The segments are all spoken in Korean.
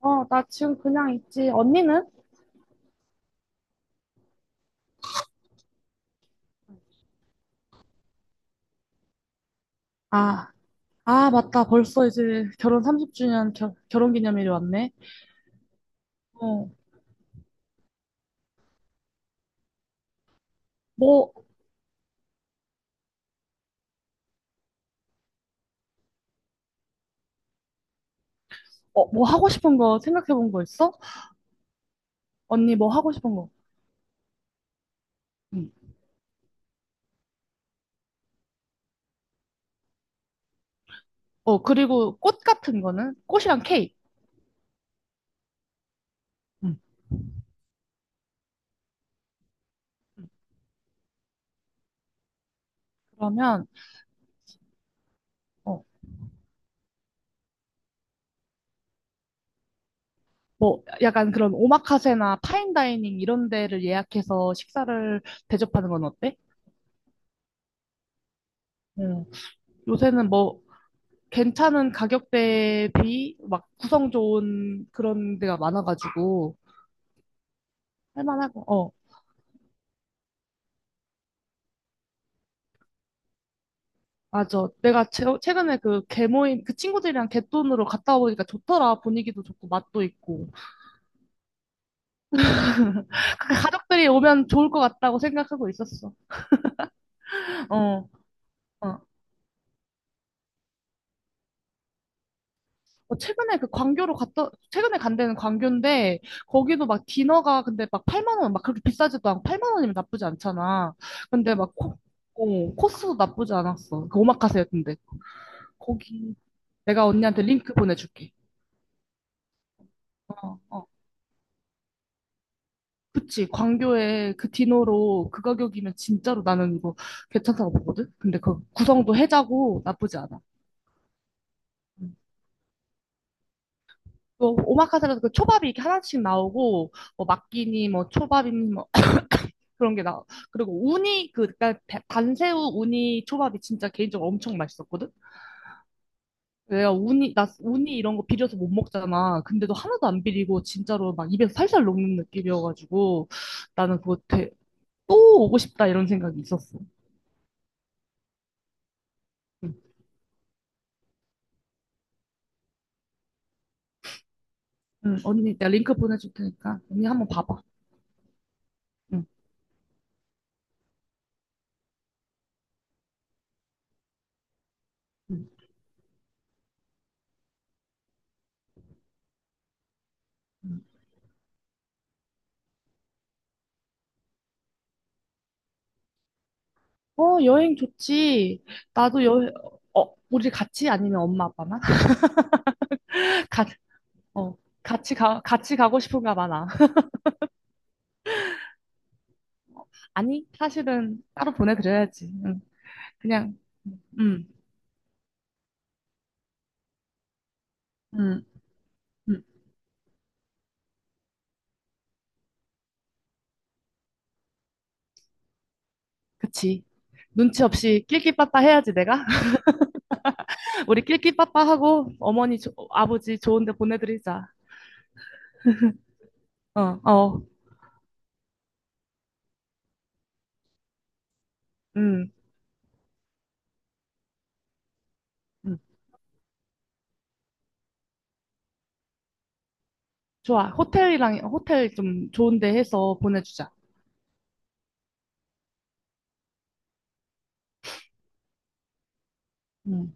어, 나 지금 그냥 있지. 언니는? 아, 아, 맞다. 벌써 이제 결혼 30주년 결 결혼 기념일이 왔네. 어, 뭐, 뭐 하고 싶은 거 생각해 본 거 있어? 언니 뭐 하고 싶은 거? 응. 그리고 꽃 같은 거는? 꽃이랑 케이크. 응. 그러면, 어, 뭐, 약간 그런 오마카세나 파인다이닝 이런 데를 예약해서 식사를 대접하는 건 어때? 응. 요새는 뭐, 괜찮은 가격대 비, 막 구성 좋은 그런 데가 많아가지고, 할만하고, 맞아. 내가 최근에 그 개모임, 그 친구들이랑 갯돈으로 갔다 와보니까 좋더라. 분위기도 좋고, 맛도 있고. 그 가족들이 오면 좋을 것 같다고 생각하고 있었어. 어, 어. 최근에 그 광교로 갔다, 최근에 간 데는 광교인데, 거기도 막 디너가 근데 막 8만 원, 막 그렇게 비싸지도 않고 8만 원이면 나쁘지 않잖아. 근데 막 코스도 나쁘지 않았어. 그 오마카세였는데. 거기, 내가 언니한테 링크 보내줄게. 어, 어. 그치, 광교에 그 디노로 그 가격이면 진짜로 나는 이거 괜찮다고 보거든? 근데 그 구성도 해자고 나쁘지 않아. 음. 또 오마카세라서 그 초밥이 이렇게 하나씩 나오고, 뭐 막기니, 뭐 초밥이니, 뭐 그런 게 나와. 그리고 우니, 그니까 단새우 우니 초밥이 진짜 개인적으로 엄청 맛있었거든? 나 우니 이런 거 비려서 못 먹잖아. 근데도 하나도 안 비리고 진짜로 막 입에서 살살 녹는 느낌이어가지고 나는 또 오고 싶다 이런 생각이 있었어. 응, 언니, 내가 링크 보내줄 테니까 언니 한번 봐봐. 응. 응. 여행 좋지. 나도 여행, 우리 같이 아니면 엄마 아빠만? 가, 어, 같이 가, 같이 가고 싶은가 많아. 아니, 사실은 따로 보내드려야지. 응. 그냥, 응, 응, 응, 그치. 눈치 없이 낄낄빠빠 해야지, 내가. 우리 낄낄빠빠 하고 어머니, 아버지 좋은 데 보내드리자. 어, 어, 응, 응. 좋아. 호텔 좀 좋은 데 해서 보내주자. 응.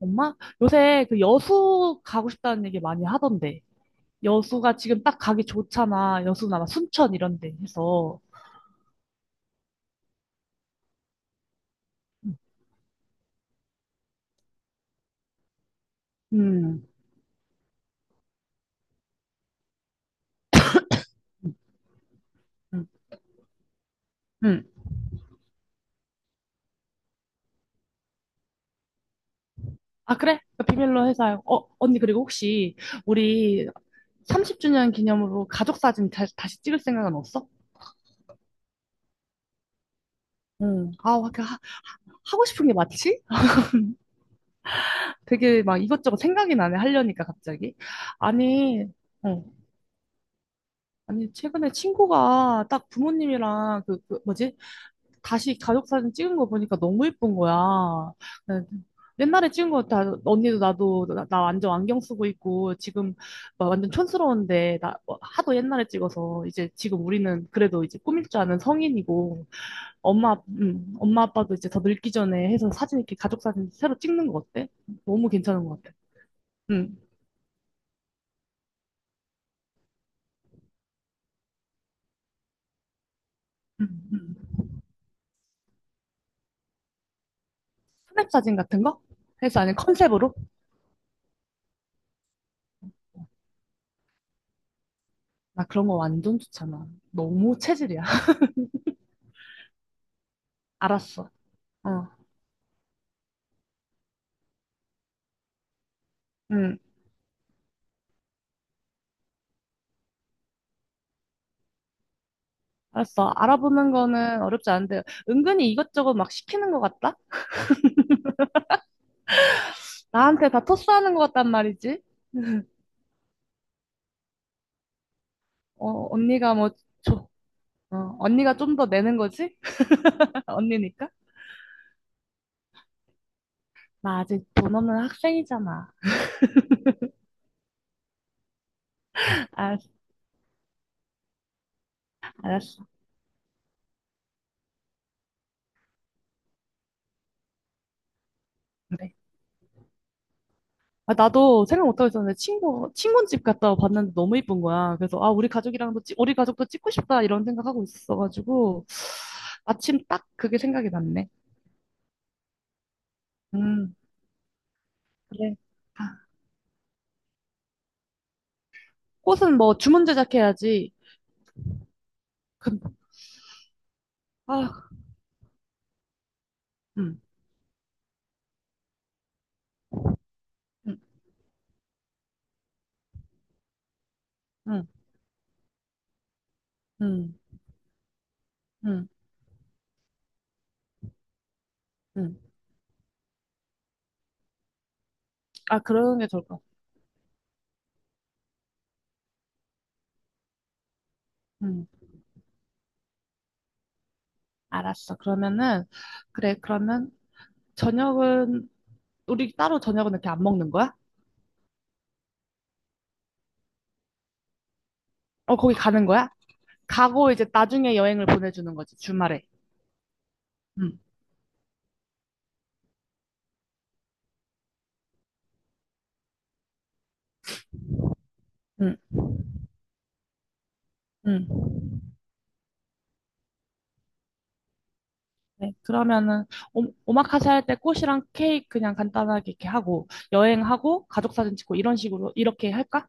엄마? 요새 그 여수 가고 싶다는 얘기 많이 하던데. 여수가 지금 딱 가기 좋잖아. 여수나 막 순천 이런 데 해서. 음, 음, 음. 아, 그래? 그 비밀로 해서. 언니, 그리고 혹시 우리 30주년 기념으로 가족 사진 다시 찍을 생각은 없어? 응. 아, 그 하고 싶은 게 맞지? 되게 막 이것저것 생각이 나네. 하려니까 갑자기. 아니, 어. 아니, 최근에 친구가 딱 부모님이랑 그 뭐지? 다시 가족 사진 찍은 거 보니까 너무 예쁜 거야. 네, 옛날에 찍은 거 다 언니도 나도 나 완전 안경 쓰고 있고 지금 막 완전 촌스러운데 나 뭐 하도 옛날에 찍어서 이제 지금 우리는 그래도 이제 꾸밀 줄 아는 성인이고 엄마 엄마 아빠도 이제 더 늙기 전에 해서 사진 이렇게 가족 사진 새로 찍는 거 어때? 너무 괜찮은 것 같아. 응. 응, 응. 스냅 사진 같은 거? 해서 아니 컨셉으로? 나 그런 거 완전 좋잖아. 너무 체질이야. 알았어. 어. 응. 알았어. 알아보는 거는 어렵지 않은데, 은근히 이것저것 막 시키는 것 같다? 나한테 다 토스하는 것 같단 말이지? 언니가 뭐, 줘. 언니가 좀 더 내는 거지? 언니니까? 나 아직 돈 없는 학생이잖아. 알았어, 알았어. 그래. 아, 나도 생각 못하고 있었는데, 친구 집 갔다 봤는데 너무 이쁜 거야. 그래서, 아, 우리 가족이랑도, 우리 가족도 찍고 싶다, 이런 생각하고 있어가지고, 마침 딱 그게 생각이 났네. 음, 그래. 아, 꽃은 뭐 주문 제작해야지. 그- 아, 응, 응. 응, 응, 응, 응. 아, 그러는 게 좋을 것 같아. 응, 알았어. 그러면은, 그래, 그러면 저녁은, 우리 따로 저녁은 이렇게 안 먹는 거야? 거기 가는 거야? 가고 이제 나중에 여행을 보내주는 거지, 주말에. 응, 응, 응. 네, 그러면은, 오마카세 할 때 꽃이랑 케이크 그냥 간단하게 이렇게 하고, 여행하고, 가족 사진 찍고, 이런 식으로, 이렇게 할까?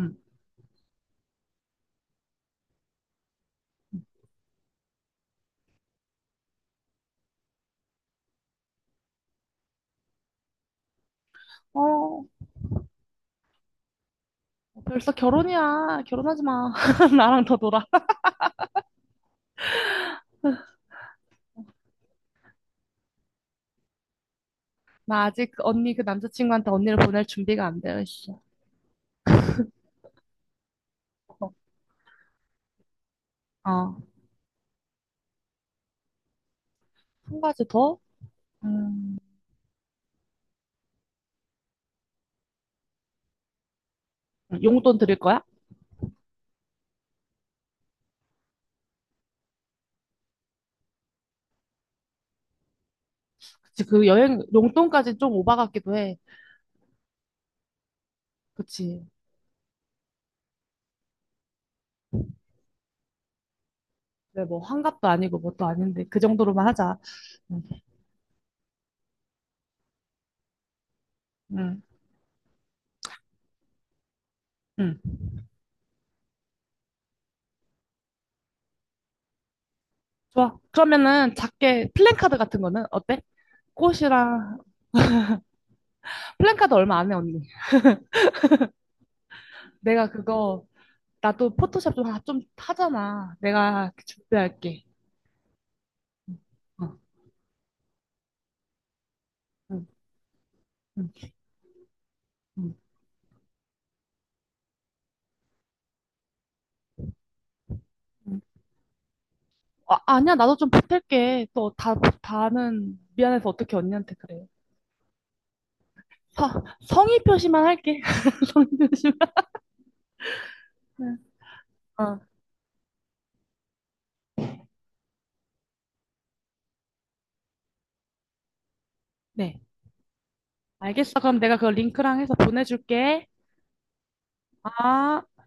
응. 어, 어, 벌써 결혼이야. 결혼하지 마. 나랑 더 놀아. 나 아직 그 언니 그 남자친구한테 언니를 보낼 준비가 안 되어 있어. 어. 한 가지 더? 음, 용돈 드릴 거야? 그치, 그 여행, 용돈까지 좀 오바 같기도 해. 그치. 근데 뭐 환갑도 아니고 뭣도 아닌데 그 정도로만 하자. 응, 응, 응. 좋아. 그러면은 작게 플랜카드 같은 거는 어때? 꽃이랑 플랜카드 얼마 안 해, 언니. 내가 그거 나도 포토샵 좀, 좀 하잖아. 내가 준비할게. 어, 응, 응, 응. 아, 아니야, 나도 좀 보탤게. 또 다는 미안해서 어떻게 언니한테 그래. 서, 성의 표시만 할게. 성의 표시만. 어, 네. 알겠어. 그럼 내가 그 링크랑 해서 보내줄게. 아.